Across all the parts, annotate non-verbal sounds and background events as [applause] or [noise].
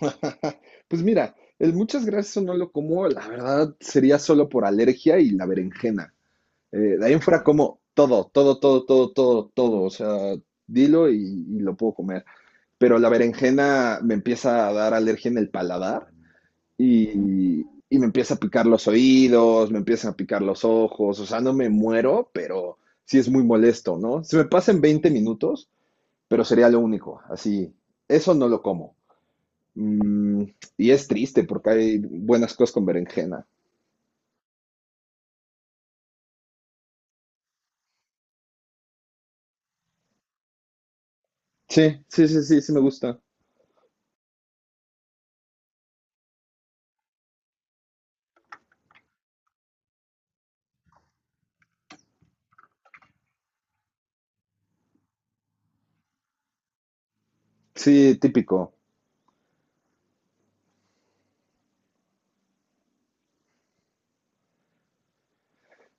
[laughs] Pues mira, el muchas gracias no lo como, la verdad sería solo por alergia y la berenjena. De ahí en fuera como todo, todo, todo, todo, todo, todo. O sea, dilo y lo puedo comer. Pero la berenjena me empieza a dar alergia en el paladar y, y me empieza a picar los oídos, me empiezan a picar los ojos. O sea, no me muero, pero sí es muy molesto, ¿no? Se me pasa en 20 minutos, pero sería lo único. Así, eso no lo como. Mm, y es triste porque hay buenas cosas con berenjena. Sí, sí, sí, sí, sí me gusta. Sí, típico.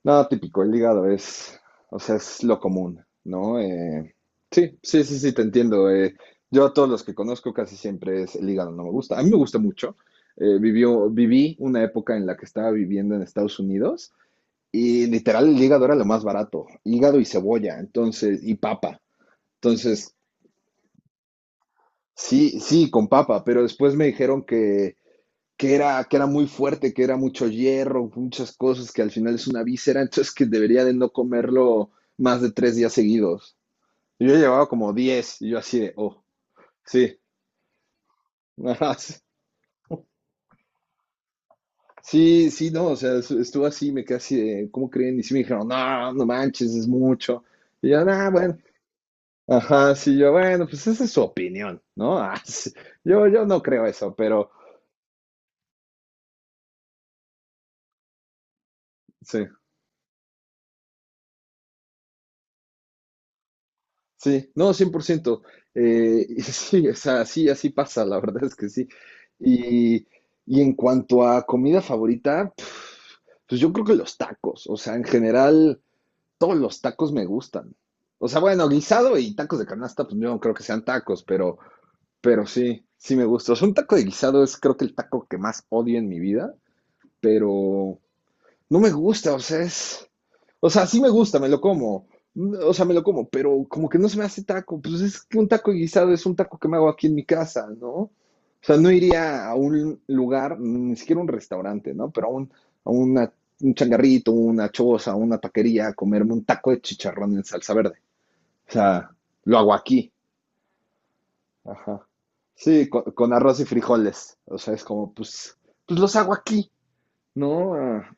No, típico, el hígado es, o sea, es lo común, ¿no? Sí, sí, sí, sí, te entiendo. Yo a todos los que conozco casi siempre es el hígado, no me gusta. A mí me gusta mucho. Viví una época en la que estaba viviendo en Estados Unidos y literal el hígado era lo más barato. Hígado y cebolla, entonces, y papa. Entonces, sí, sí, con papa, pero después me dijeron que que era muy fuerte, que era mucho hierro, muchas cosas, que al final es una víscera, [laughs] entonces que debería de no comerlo más de 3 días seguidos. Yo llevaba como 10 y yo así de, oh, sí, [laughs] ajá, sí, sí, sí, no, o sea, estuvo así, me quedé así de, ¿cómo creen? Y sí me dijeron, no, no manches, es mucho. Y yo, ah, bueno, ajá, sí, yo, bueno, pues esa es su opinión, ¿no? [laughs] Ah, sí. Yo no creo eso, pero sí. Sí, no, 100%. Y [laughs] sí, o sea, así, así pasa, la verdad es que sí. Y, y en cuanto a comida favorita, pf, pues yo creo que los tacos, o sea, en general, todos los tacos me gustan. O sea, bueno, guisado y tacos de canasta, pues yo no creo que sean tacos, pero sí, sí me gusta. O sea, un taco de guisado es creo que el taco que más odio en mi vida, pero no me gusta, o sea, es. O sea, sí me gusta, me lo como. O sea, me lo como, pero como que no se me hace taco. Pues es que un taco guisado es un taco que me hago aquí en mi casa, ¿no? O sea, no iría a un lugar, ni siquiera un restaurante, ¿no? Pero a un, a una, un changarrito, una choza, una taquería, a comerme un taco de chicharrón en salsa verde. O sea, lo hago aquí. Ajá. Sí, con arroz y frijoles. O sea, es como, pues, pues los hago aquí, ¿no? Ah,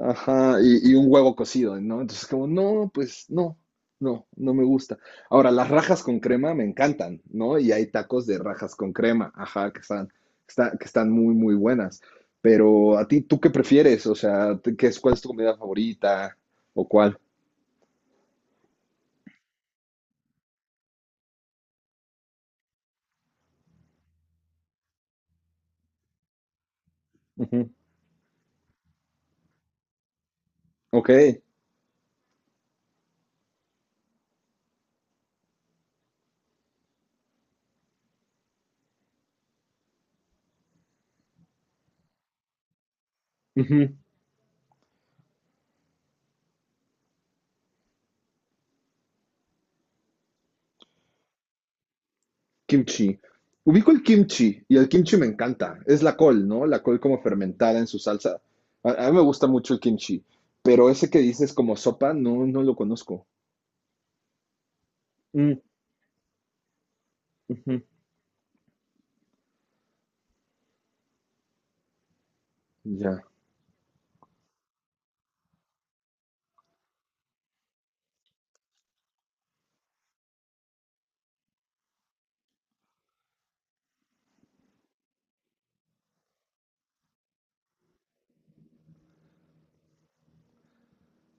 ajá, y un huevo cocido, ¿no? Entonces, como, no, pues no, no me gusta. Ahora, las rajas con crema me encantan, ¿no? Y hay tacos de rajas con crema, ajá, que están, que están muy, muy buenas. Pero a ti, ¿tú qué prefieres? O sea, ¿cuál es tu comida favorita? ¿O cuál? Ujú, ok, ujú. Kimchi. Ubico el kimchi y el kimchi me encanta. Es la col, ¿no? La col como fermentada en su salsa. A mí me gusta mucho el kimchi, pero ese que dices como sopa, no, no lo conozco. Mm, ujú, ya.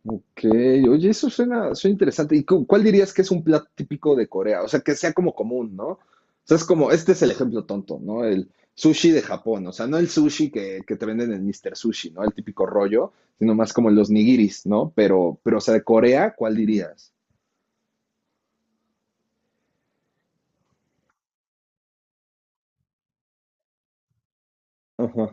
Ok. Oye, eso suena, suena interesante. ¿Y cuál dirías que es un plato típico de Corea? O sea, que sea como común, ¿no? O sea, es como, este es el ejemplo tonto, ¿no? El sushi de Japón. O sea, no el sushi que te venden en Mr. Sushi, ¿no? El típico rollo, sino más como los nigiris, ¿no? Pero, o sea, de Corea, ¿cuál dirías? Ajá.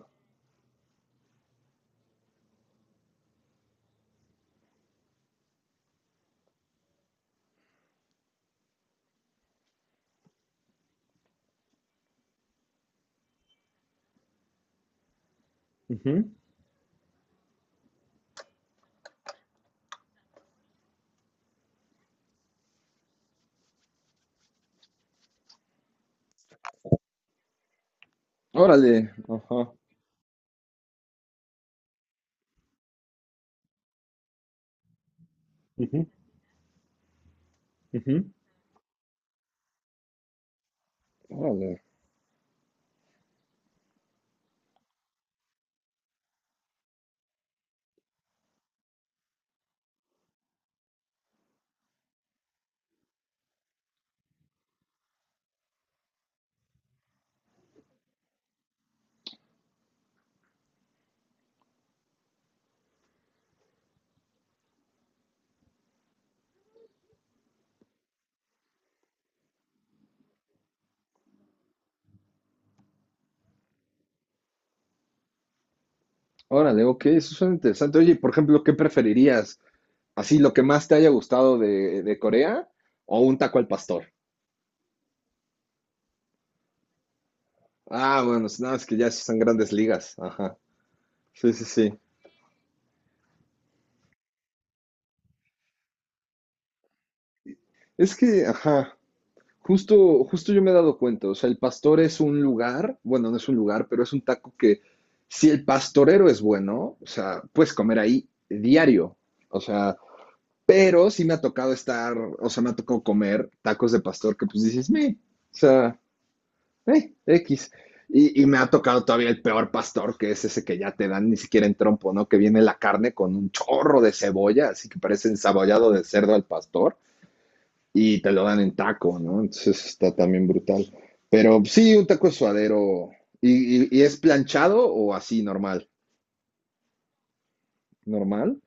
Ujú. Órale. Ajá. Ujú, ujú. Órale. Órale, ok, eso suena interesante. Oye, y por ejemplo, ¿qué preferirías? ¿Así lo que más te haya gustado de Corea o un taco al pastor? Ah, bueno, no, es que ya sí son grandes ligas. Ajá. Sí, sí, sí. Es que, ajá, justo, justo yo me he dado cuenta. O sea, el pastor es un lugar, bueno, no es un lugar, pero es un taco que si el pastorero es bueno, o sea, puedes comer ahí diario. O sea, pero sí me ha tocado estar, o sea, me ha tocado comer tacos de pastor que pues dices, me, o sea, X. Y me ha tocado todavía el peor pastor, que es ese que ya te dan ni siquiera en trompo, ¿no? Que viene la carne con un chorro de cebolla, así que parece ensabollado de cerdo al pastor, y te lo dan en taco, ¿no? Entonces está también brutal. Pero sí, un taco de suadero. Y es planchado o así normal? ¿Normal?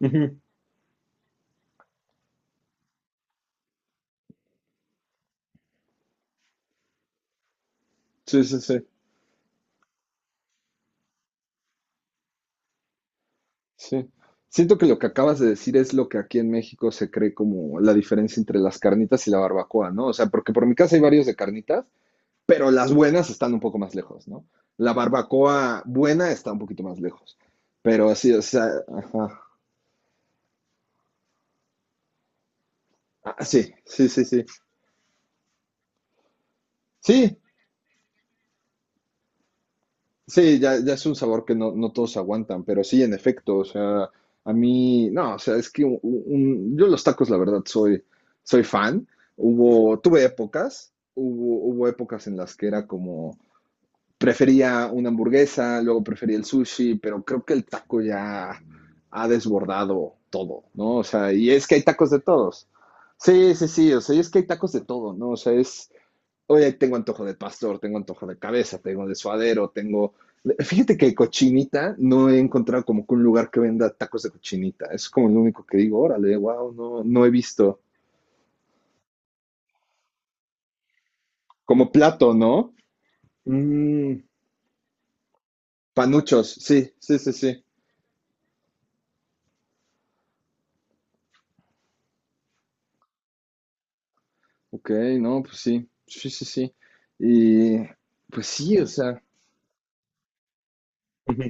Ujú. Sí, sí, sí. Sí. Siento que lo que acabas de decir es lo que aquí en México se cree como la diferencia entre las carnitas y la barbacoa, ¿no? O sea, porque por mi casa hay varios de carnitas, pero las buenas están un poco más lejos, ¿no? La barbacoa buena está un poquito más lejos. Pero sí, o sea, ajá. Ah, sí, sí, sí, sí. Sí, sí, ya, ya es un sabor que no, no todos aguantan, pero sí, en efecto, o sea, a mí, no, o sea, es que yo los tacos, la verdad, soy, soy fan. Tuve épocas, hubo épocas en las que era como, prefería una hamburguesa, luego prefería el sushi, pero creo que el taco ya ha desbordado todo, ¿no? O sea, y es que hay tacos de todos. Sí, sí, sí, o sea, y es que hay tacos de todo, ¿no? O sea, oye, tengo antojo de pastor, tengo antojo de cabeza, tengo de suadero, tengo... Fíjate que cochinita no he encontrado como que un lugar que venda tacos de cochinita. Es como lo único que digo, órale, wow, no, no he visto. Como plato, ¿no? Mm, panuchos, sí, sí, sí, sí. Ok, no, pues sí, sí, sí, sí. Y pues sí, o sea, ujú,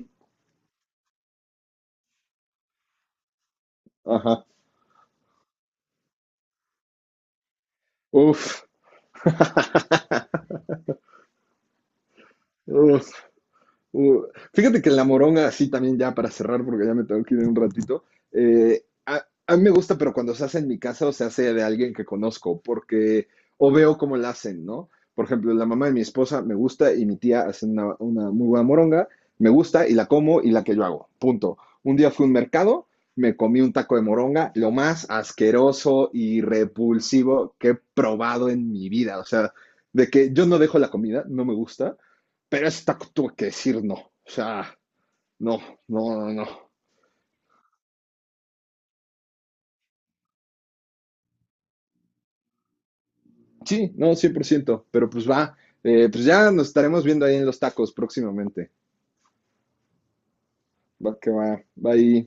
ajá, uf, uf. Uh, fíjate que en la moronga, así también ya para cerrar, porque ya me tengo que ir en un ratito, a mí me gusta, pero cuando se hace en mi casa o se hace de alguien que conozco, porque o veo cómo la hacen, ¿no? Por ejemplo, la mamá de mi esposa me gusta y mi tía hace una muy buena moronga, me gusta y la como y la que yo hago, punto. Un día fui a un mercado, me comí un taco de moronga, lo más asqueroso y repulsivo que he probado en mi vida, o sea, de que yo no dejo la comida, no me gusta, pero esta tuve que decir no. O sea, no, no, no, no. Sí, no, 100%, pero pues va, pues ya nos estaremos viendo ahí en los tacos próximamente. Va que va, va ahí